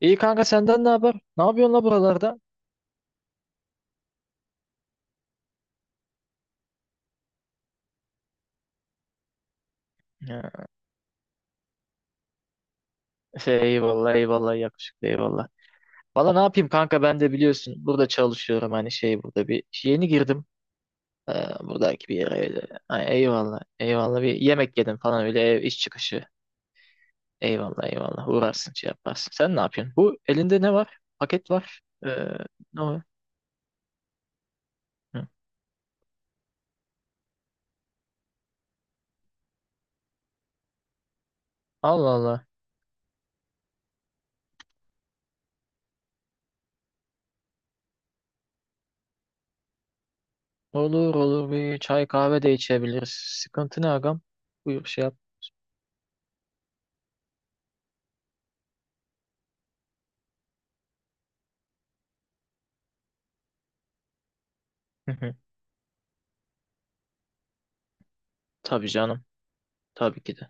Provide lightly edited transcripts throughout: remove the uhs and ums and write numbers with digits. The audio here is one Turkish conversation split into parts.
İyi kanka, senden ne haber? Ne yapıyorsun la buralarda? Ya, eyvallah eyvallah, yakışıklı, eyvallah. Valla ne yapayım kanka, ben de biliyorsun burada çalışıyorum, hani burada bir yeni girdim. Ee, Buradaki bir yere öyle. Ay, eyvallah eyvallah, bir yemek yedim falan, öyle ev iş çıkışı. Eyvallah eyvallah, uğrarsın şey yaparsın. Sen ne yapıyorsun? Bu elinde ne var? Paket var. Ne o? Hı. Allah Allah. Olur olur, bir çay kahve de içebiliriz. Sıkıntı ne agam? Buyur şey yap. Hı hı. Tabii canım. Tabii ki de.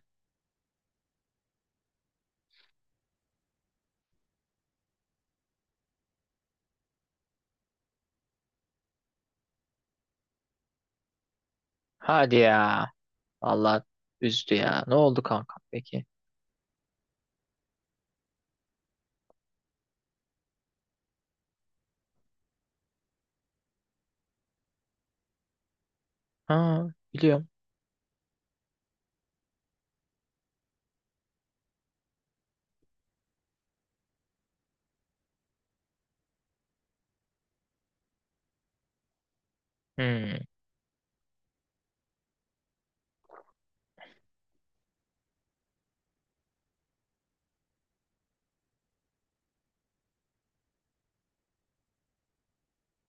Hadi ya. Allah üzdü ya. Ne oldu kanka peki? Ha, biliyorum. Hmm.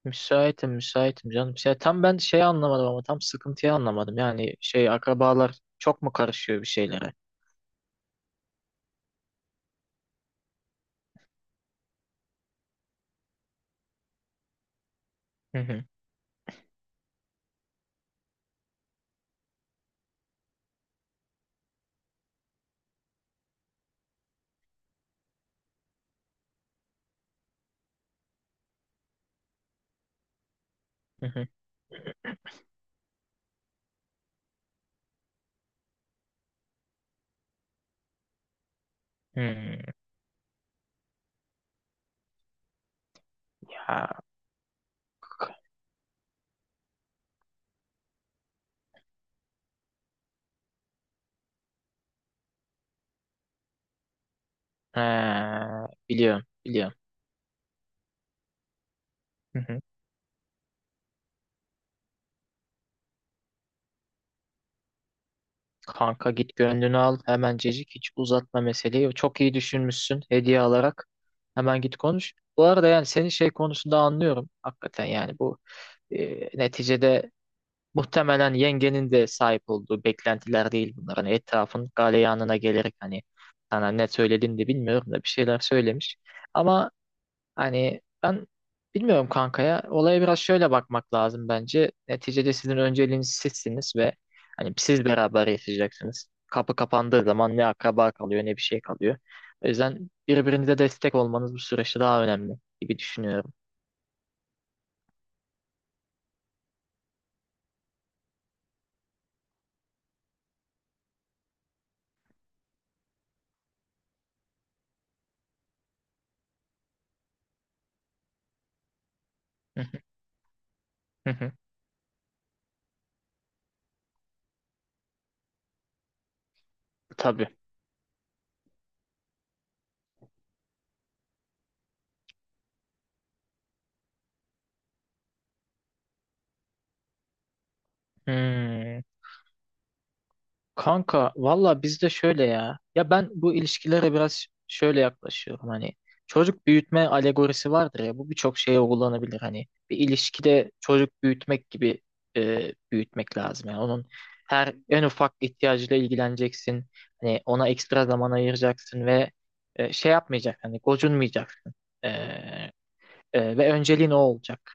Müsaitim, müsaitim canım. Tam ben anlamadım, ama tam sıkıntıyı anlamadım. Yani akrabalar çok mu karışıyor bir şeylere? Hı hı. Hı hı. Hmm. Ya. He, biliyorum, biliyorum. Kanka git gönlünü al hemencecik, hiç uzatma meseleyi. Çok iyi düşünmüşsün hediye alarak. Hemen git konuş. Bu arada yani senin konusunda anlıyorum. Hakikaten yani bu neticede muhtemelen yengenin de sahip olduğu beklentiler değil bunlar. Hani etrafın galeyanına gelerek, hani sana ne söylediğini de bilmiyorum da bir şeyler söylemiş. Ama hani ben bilmiyorum kankaya. Olaya biraz şöyle bakmak lazım bence. Neticede sizin önceliğiniz sizsiniz ve hani siz beraber yaşayacaksınız. Kapı kapandığı zaman ne akraba kalıyor ne bir şey kalıyor. O yüzden birbirinize destek olmanız bu süreçte daha önemli gibi düşünüyorum. Tabii. Hmm. Kanka valla bizde şöyle ya. Ya ben bu ilişkilere biraz şöyle yaklaşıyorum hani. Çocuk büyütme alegorisi vardır ya. Bu birçok şeye uygulanabilir hani. Bir ilişkide çocuk büyütmek gibi büyütmek lazım. Yani onun her en ufak ihtiyacıyla ilgileneceksin. Hani ona ekstra zaman ayıracaksın ve yapmayacaksın. Hani gocunmayacaksın. E, ve önceliğin o olacak.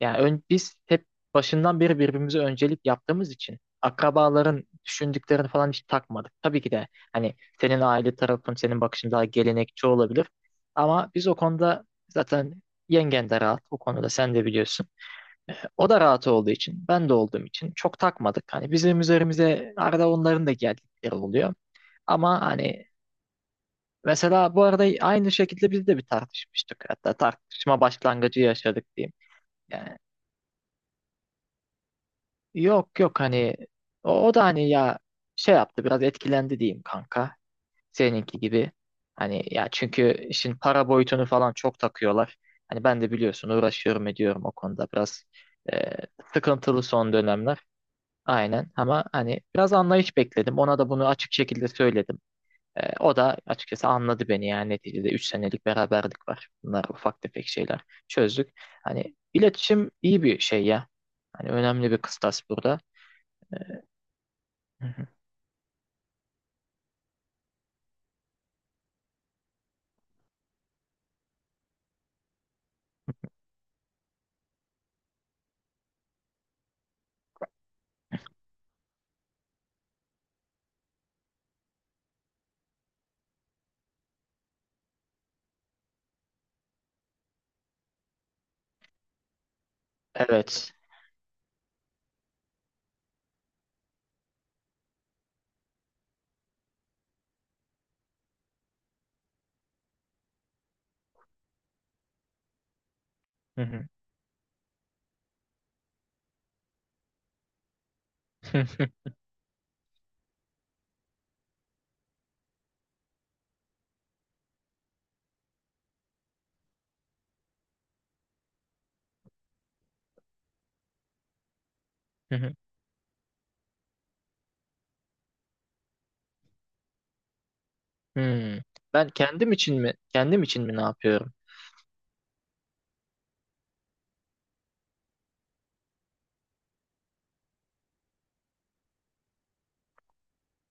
Biz hep başından beri birbirimize öncelik yaptığımız için akrabaların düşündüklerini falan hiç takmadık. Tabii ki de hani senin aile tarafın, senin bakışın daha gelenekçi olabilir. Ama biz o konuda zaten yengen de rahat. O konuda sen de biliyorsun. O da rahat olduğu için, ben de olduğum için çok takmadık. Hani bizim üzerimize arada onların da geldikleri oluyor. Ama hani mesela bu arada aynı şekilde biz de bir tartışmıştık. Hatta tartışma başlangıcı yaşadık diyeyim. Yani Yok yok, hani o da hani ya şey yaptı, biraz etkilendi diyeyim kanka, seninki gibi. Hani ya, çünkü işin para boyutunu falan çok takıyorlar. Hani ben de biliyorsun, uğraşıyorum ediyorum o konuda biraz e, sıkıntılı son dönemler. Aynen, ama hani biraz anlayış bekledim. Ona da bunu açık şekilde söyledim. E, o da açıkçası anladı beni, yani neticede 3 senelik beraberlik var. Bunlar ufak tefek şeyler, çözdük. Hani iletişim iyi bir şey ya. Hani önemli bir kıstas burada. Evet. Hı hı. Hı hı. Hmm. Ben kendim için mi, ne yapıyorum?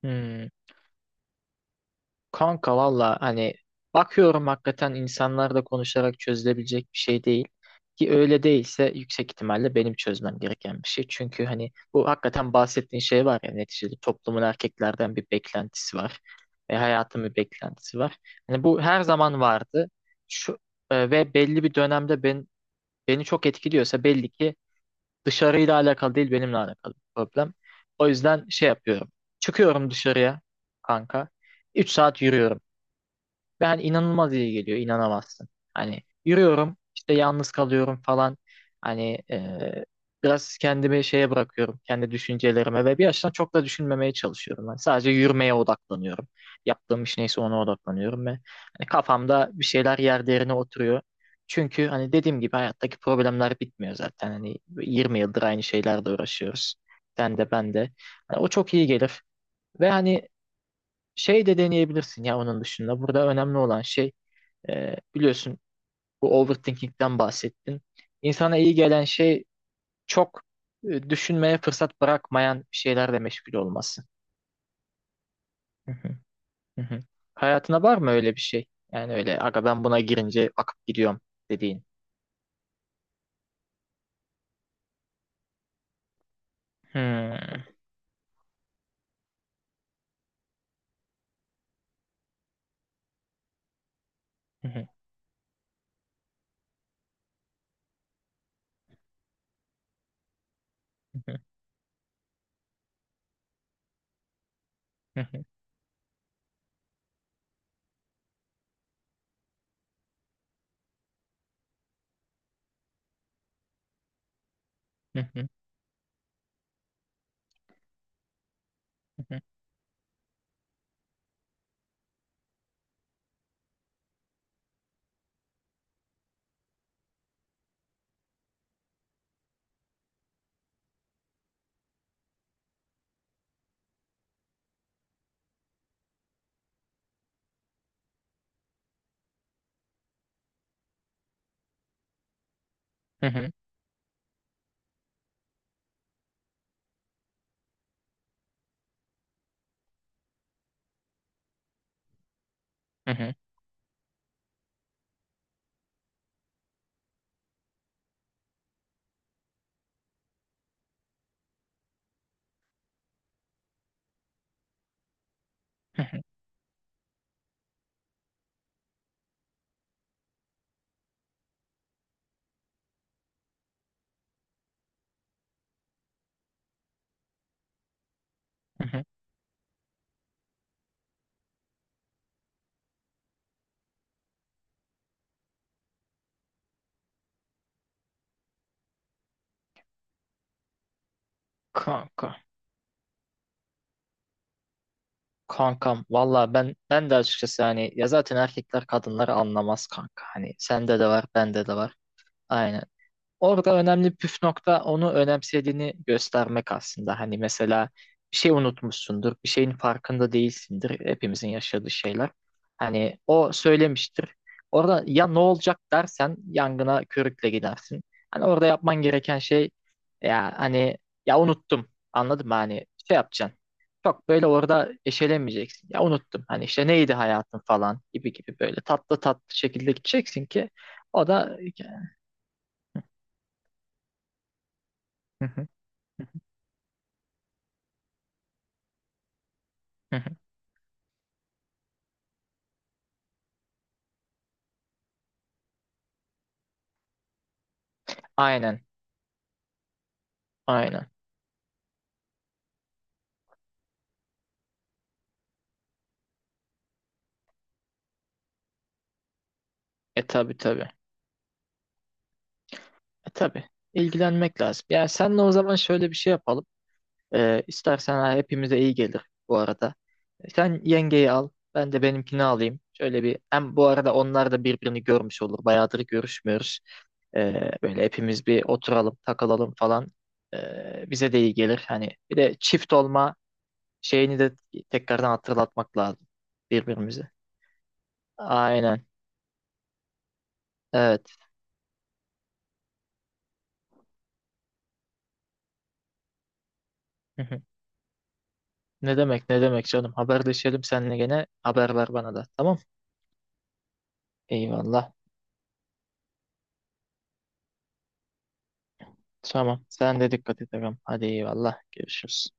Hmm. Kanka valla hani bakıyorum, hakikaten insanlarla konuşarak çözülebilecek bir şey değil. Ki öyle değilse yüksek ihtimalle benim çözmem gereken bir şey. Çünkü hani bu hakikaten bahsettiğin şey var ya, neticede toplumun erkeklerden bir beklentisi var. Ve hayatın bir beklentisi var. Hani bu her zaman vardı. Şu, ve belli bir dönemde beni çok etkiliyorsa belli ki dışarıyla alakalı değil, benimle alakalı bir problem. O yüzden yapıyorum. Çıkıyorum dışarıya kanka. 3 saat yürüyorum. Ben inanılmaz iyi geliyor, inanamazsın. Hani yürüyorum, işte yalnız kalıyorum falan. Hani biraz kendimi şeye bırakıyorum, kendi düşüncelerime, ve bir yaştan çok da düşünmemeye çalışıyorum. Ben sadece yürümeye odaklanıyorum. Yaptığım iş neyse ona odaklanıyorum ve hani kafamda bir şeyler yer yerine oturuyor. Çünkü hani dediğim gibi hayattaki problemler bitmiyor zaten. Hani 20 yıldır aynı şeylerle uğraşıyoruz. Sen de ben de. Hani o çok iyi gelir. Ve hani de deneyebilirsin ya onun dışında. Burada önemli olan şey biliyorsun bu overthinking'den bahsettin. İnsana iyi gelen şey çok düşünmeye fırsat bırakmayan şeylerle meşgul olması. Hı hı, hı hı. Hayatına var mı öyle bir şey? Yani öyle aga, "ben buna girince akıp gidiyorum" dediğin. Hmm. Hı hı, hı hı, hı hı, hı hı, hı hı, hı hı, hı hı, hı hı. Kanka. Kankam valla ben de açıkçası hani ya, zaten erkekler kadınları anlamaz kanka. Hani sende de var, bende de var. Aynen. Orada önemli püf nokta onu önemsediğini göstermek aslında. Hani mesela bir şey unutmuşsundur, bir şeyin farkında değilsindir. Hepimizin yaşadığı şeyler. Hani o söylemiştir. Orada "ya ne olacak" dersen yangına körükle gidersin. Hani orada yapman gereken şey ya hani, ya unuttum. Anladın mı? Hani yapacaksın. Çok böyle orada eşelemeyeceksin. Ya unuttum. Hani işte neydi hayatın falan gibi gibi, böyle tatlı tatlı şekilde gideceksin ki o da Aynen, aynen. E tabi tabi. E tabi. İlgilenmek lazım. Yani senle o zaman şöyle bir şey yapalım. İstersen ha, hepimize iyi gelir bu arada. E, sen yengeyi al, ben de benimkini alayım. Şöyle bir, hem bu arada onlar da birbirini görmüş olur. Bayağıdır görüşmüyoruz. Böyle hepimiz bir oturalım, takılalım falan. Bize de iyi gelir. Hani bir de çift olma şeyini de tekrardan hatırlatmak lazım birbirimize. Aynen. Evet. Ne demek, ne demek canım. Haberleşelim seninle gene. Haber ver bana da. Tamam. Eyvallah. Tamam. Sen de dikkat et ağam. Hadi eyvallah. Görüşürüz.